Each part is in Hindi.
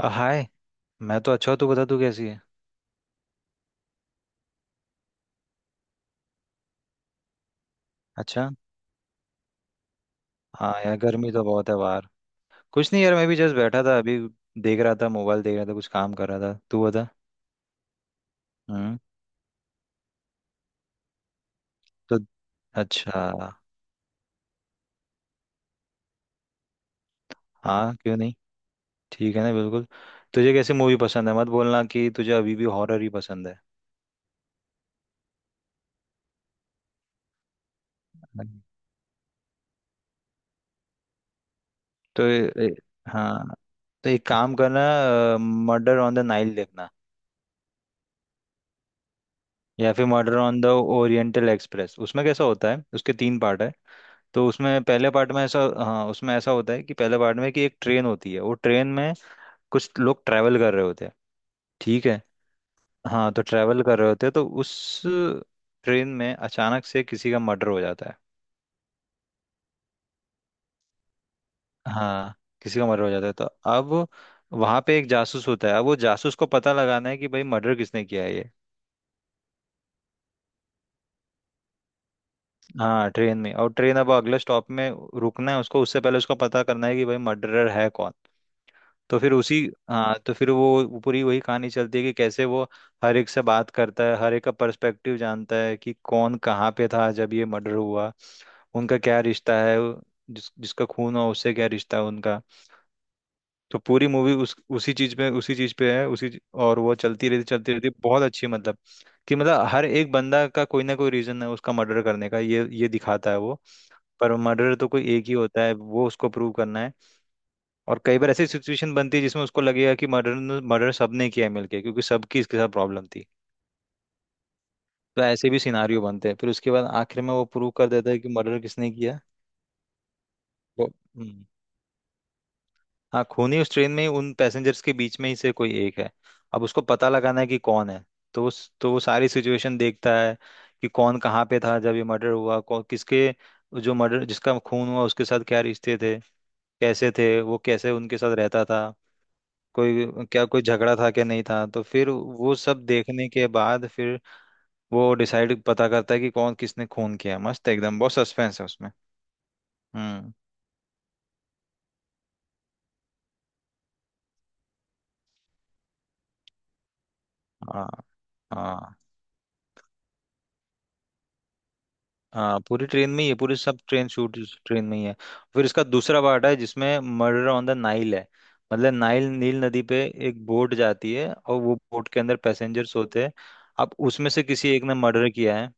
हाय। मैं तो अच्छा हूँ। तू बता, तू कैसी है? अच्छा। हाँ यार, गर्मी तो बहुत है बाहर। कुछ नहीं यार, मैं भी जस्ट बैठा था अभी। देख रहा था, मोबाइल देख रहा था, कुछ काम कर रहा था। तू बता। हम्म। तो, अच्छा। हाँ, क्यों नहीं। ठीक है ना, बिल्कुल। तुझे कैसी मूवी पसंद है? मत बोलना कि तुझे अभी भी हॉरर ही पसंद है। हम्म। तो हाँ, तो एक काम करना। मर्डर ऑन द नाइल देखना। या फिर murder on the oriental express, उसमें कैसा होता है, उसके तीन पार्ट है। तो उसमें पहले पार्ट में ऐसा, हाँ उसमें ऐसा होता है कि पहले पार्ट में कि एक ट्रेन होती है, वो ट्रेन में कुछ लोग ट्रैवल कर रहे होते हैं। ठीक है। हाँ, तो ट्रैवल कर रहे होते हैं तो उस ट्रेन में अचानक से किसी का मर्डर हो जाता है। हाँ, किसी का मर्डर हो जाता है तो अब वहां पे एक जासूस होता है। अब वो जासूस को पता लगाना है कि भाई मर्डर किसने किया है ये। हाँ, ट्रेन में। और ट्रेन अब अगले स्टॉप में रुकना है उसको, उससे पहले उसको पता करना है कि भाई मर्डरर है कौन। तो फिर उसी, हाँ तो फिर वो पूरी वही कहानी चलती है कि कैसे वो हर एक से बात करता है, हर एक का पर्सपेक्टिव जानता है कि कौन कहाँ पे था जब ये मर्डर हुआ, उनका क्या रिश्ता है, जिस जिसका खून हुआ उससे क्या रिश्ता है उनका। तो पूरी मूवी उस उसी चीज पे है, और वो चलती रहती चलती रहती, बहुत अच्छी मतलब, कि मतलब हर एक बंदा का कोई ना कोई रीजन है उसका मर्डर करने का, ये दिखाता है वो। पर मर्डर तो कोई एक ही होता है, वो उसको प्रूव करना है। और कई बार ऐसी सिचुएशन बनती है जिसमें उसको लगेगा कि मर्डर मर्डर सबने किया है मिलके, क्योंकि सबकी इसके साथ प्रॉब्लम थी। तो ऐसे भी सिनारियो बनते हैं, फिर उसके बाद आखिर में वो प्रूव कर देता है कि मर्डर किसने किया वो। हाँ, खून ही उस ट्रेन में ही उन पैसेंजर्स के बीच में ही से कोई एक है। अब उसको पता लगाना है कि कौन है। तो उस तो वो सारी सिचुएशन देखता है कि कौन कहाँ पे था जब ये मर्डर हुआ, कौन किसके, जो मर्डर जिसका खून हुआ उसके साथ क्या रिश्ते थे, कैसे थे वो, कैसे उनके साथ रहता था, कोई क्या कोई झगड़ा था, क्या नहीं था। तो फिर वो सब देखने के बाद फिर वो डिसाइड पता करता है कि कौन किसने खून किया। मस्त है एकदम, बहुत सस्पेंस है उसमें। हम्म। हाँ हाँ। हाँ, पूरी ट्रेन में ही है, पूरी सब ट्रेन शूट ट्रेन में ही है। फिर इसका दूसरा पार्ट है जिसमें मर्डर ऑन द नाइल है। मतलब नाइल नील नदी पे एक बोट जाती है और वो बोट के अंदर पैसेंजर्स होते हैं। अब उसमें से किसी एक ने मर्डर किया है।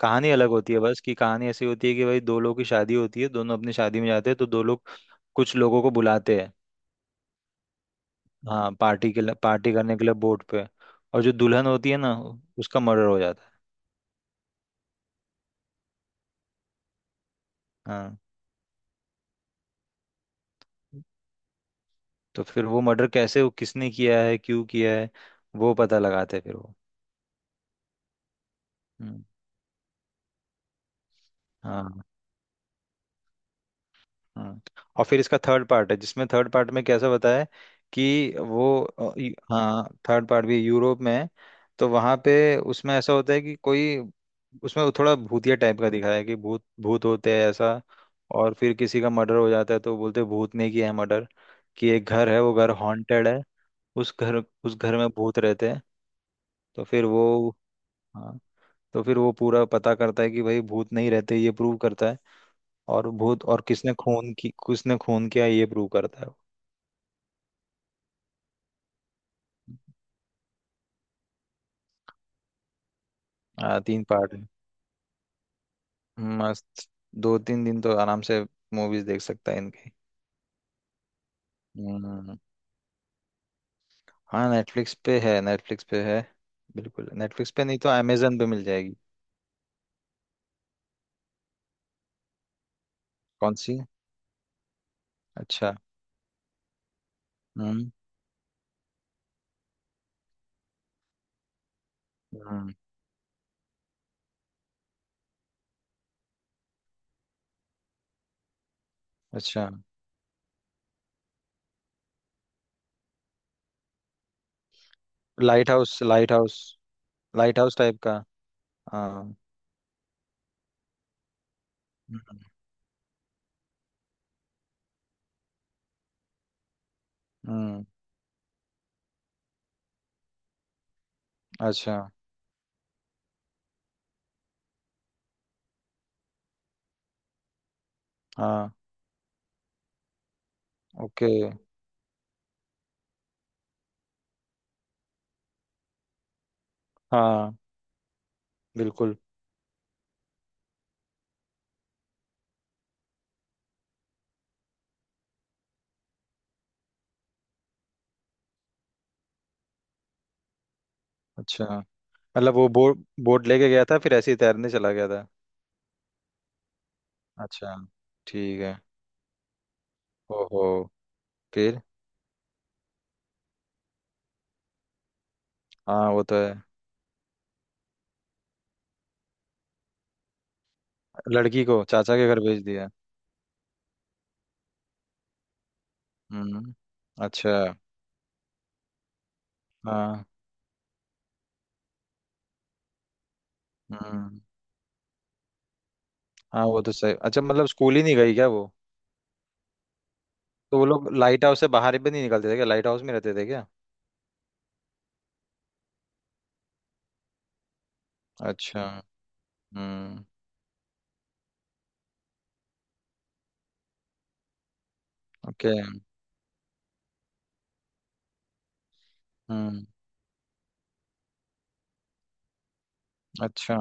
कहानी अलग होती है बस, कि कहानी ऐसी होती है कि भाई दो लोगों की शादी होती है, दोनों अपनी शादी में जाते हैं, तो दो लोग कुछ लोगों को बुलाते हैं। हाँ, पार्टी के लिए, पार्टी करने के लिए बोट पे। और जो दुल्हन होती है ना, उसका मर्डर हो जाता है। हाँ। तो फिर वो मर्डर कैसे, वो किसने किया है, क्यों किया है, वो पता लगाते हैं फिर वो। हम्म। हाँ। हम्म। और फिर इसका थर्ड पार्ट है, जिसमें थर्ड पार्ट में कैसा बताया है कि वो हाँ, थर्ड पार्ट भी यूरोप में है। तो वहां पे उसमें ऐसा होता है कि कोई, उसमें थोड़ा भूतिया टाइप का दिखाया है कि भूत भूत होते हैं ऐसा। और फिर किसी का मर्डर हो जाता है तो बोलते हैं भूत ने किया है मर्डर, कि एक घर है वो घर हॉन्टेड है। उस घर उस घर में भूत रहते हैं। तो फिर वो, हाँ, तो फिर वो पूरा पता करता है कि भाई भूत नहीं रहते, ये प्रूव करता है। और भूत और किसने खून की किसने खून किया, ये प्रूव करता है वो। तीन पार्ट है। मस्त। दो तीन दिन तो आराम से मूवीज देख सकता है इनकी। हम्म। हाँ, नेटफ्लिक्स पे है, नेटफ्लिक्स पे है। बिल्कुल, नेटफ्लिक्स पे नहीं तो अमेजन पे मिल जाएगी। कौन सी? अच्छा। हम्म। हम्म। अच्छा। Lighthouse, lighthouse. Lighthouse type का। हाँ। हम्म। हम्म। अच्छा। हाँ। ओके। हाँ, बिल्कुल। अच्छा, मतलब वो बोर्ड बोर्ड लेके गया था, फिर ऐसे ही तैरने चला गया था? अच्छा। ठीक है। ओहो। फिर? हाँ, वो तो है। लड़की को चाचा के घर भेज दिया। हम्म। अच्छा। हाँ। हम्म। हाँ, वो तो सही। अच्छा, मतलब स्कूल ही नहीं गई क्या वो? तो वो लोग लाइट हाउस से बाहर भी नहीं निकलते थे क्या, लाइट हाउस में रहते थे क्या? अच्छा। हम्म। ओके। हम्म। अच्छा।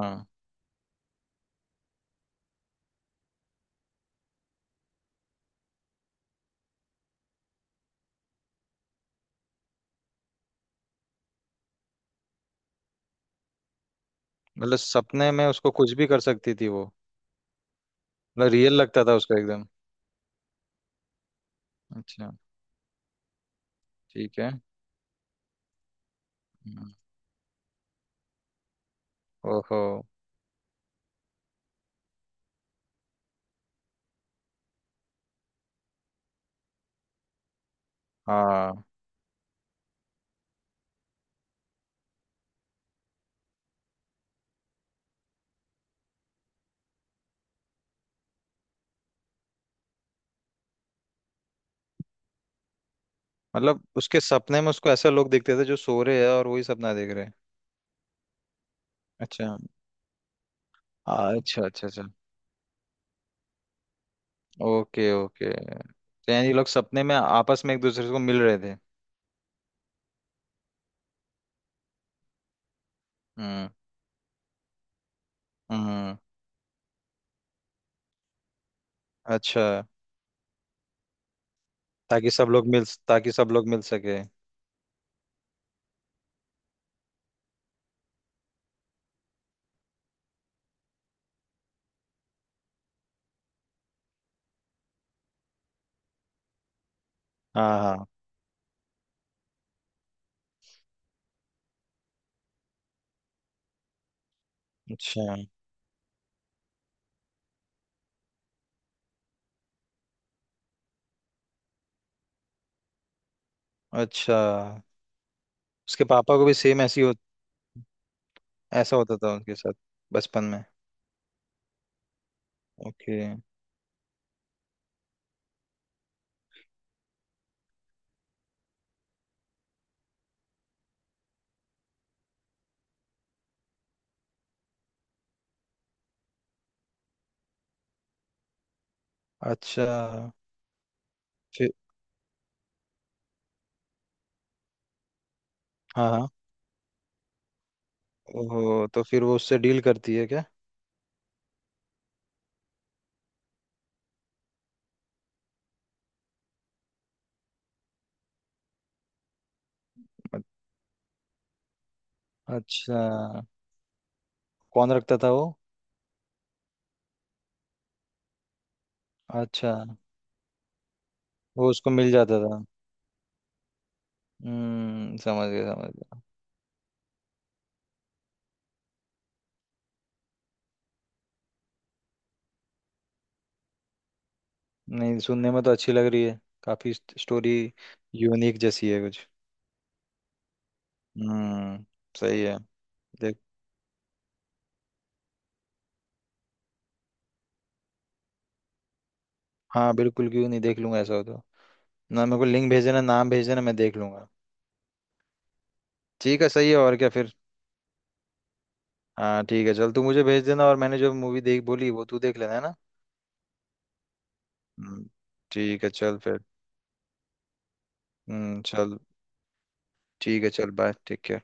मतलब सपने में उसको कुछ भी कर सकती थी वो? मतलब रियल लगता था उसको एकदम? अच्छा। ठीक है। हम्म। ओहो। हाँ, मतलब उसके सपने में उसको ऐसे लोग दिखते थे जो सो रहे हैं और वही सपना देख रहे हैं? अच्छा। अच्छा, अच्छा, अच्छा। ओके, ओके, तो यानी ये लोग सपने में आपस में एक दूसरे को मिल रहे थे? हम्म। हम्म। अच्छा। ताकि सब लोग मिल सके। हाँ, हाँ। अच्छा, अच्छा। उसके पापा को भी ऐसा होता था उनके साथ बचपन में। ओके। अच्छा। फिर? हाँ, हाँ। ओहो, तो फिर वो उससे डील करती है क्या? अच्छा। कौन रखता था वो? अच्छा। वो उसको मिल जाता था। हम्म, समझ गया, समझ गया। नहीं, सुनने में तो अच्छी लग रही है। काफी स्टोरी यूनिक जैसी है कुछ। हम्म। सही है। देख। हाँ, बिल्कुल, क्यों नहीं, देख लूंगा ऐसा हो तो। ना, मेरे को लिंक भेज देना, नाम भेज देना, मैं देख लूंगा। ठीक है, सही है, और क्या फिर? हाँ, ठीक है, चल तू मुझे भेज देना, और मैंने जो मूवी देख बोली वो तू देख लेना, है ना? हम्म। ठीक है, चल फिर। हम्म, चल। ठीक है, चल बाय, ठीक है।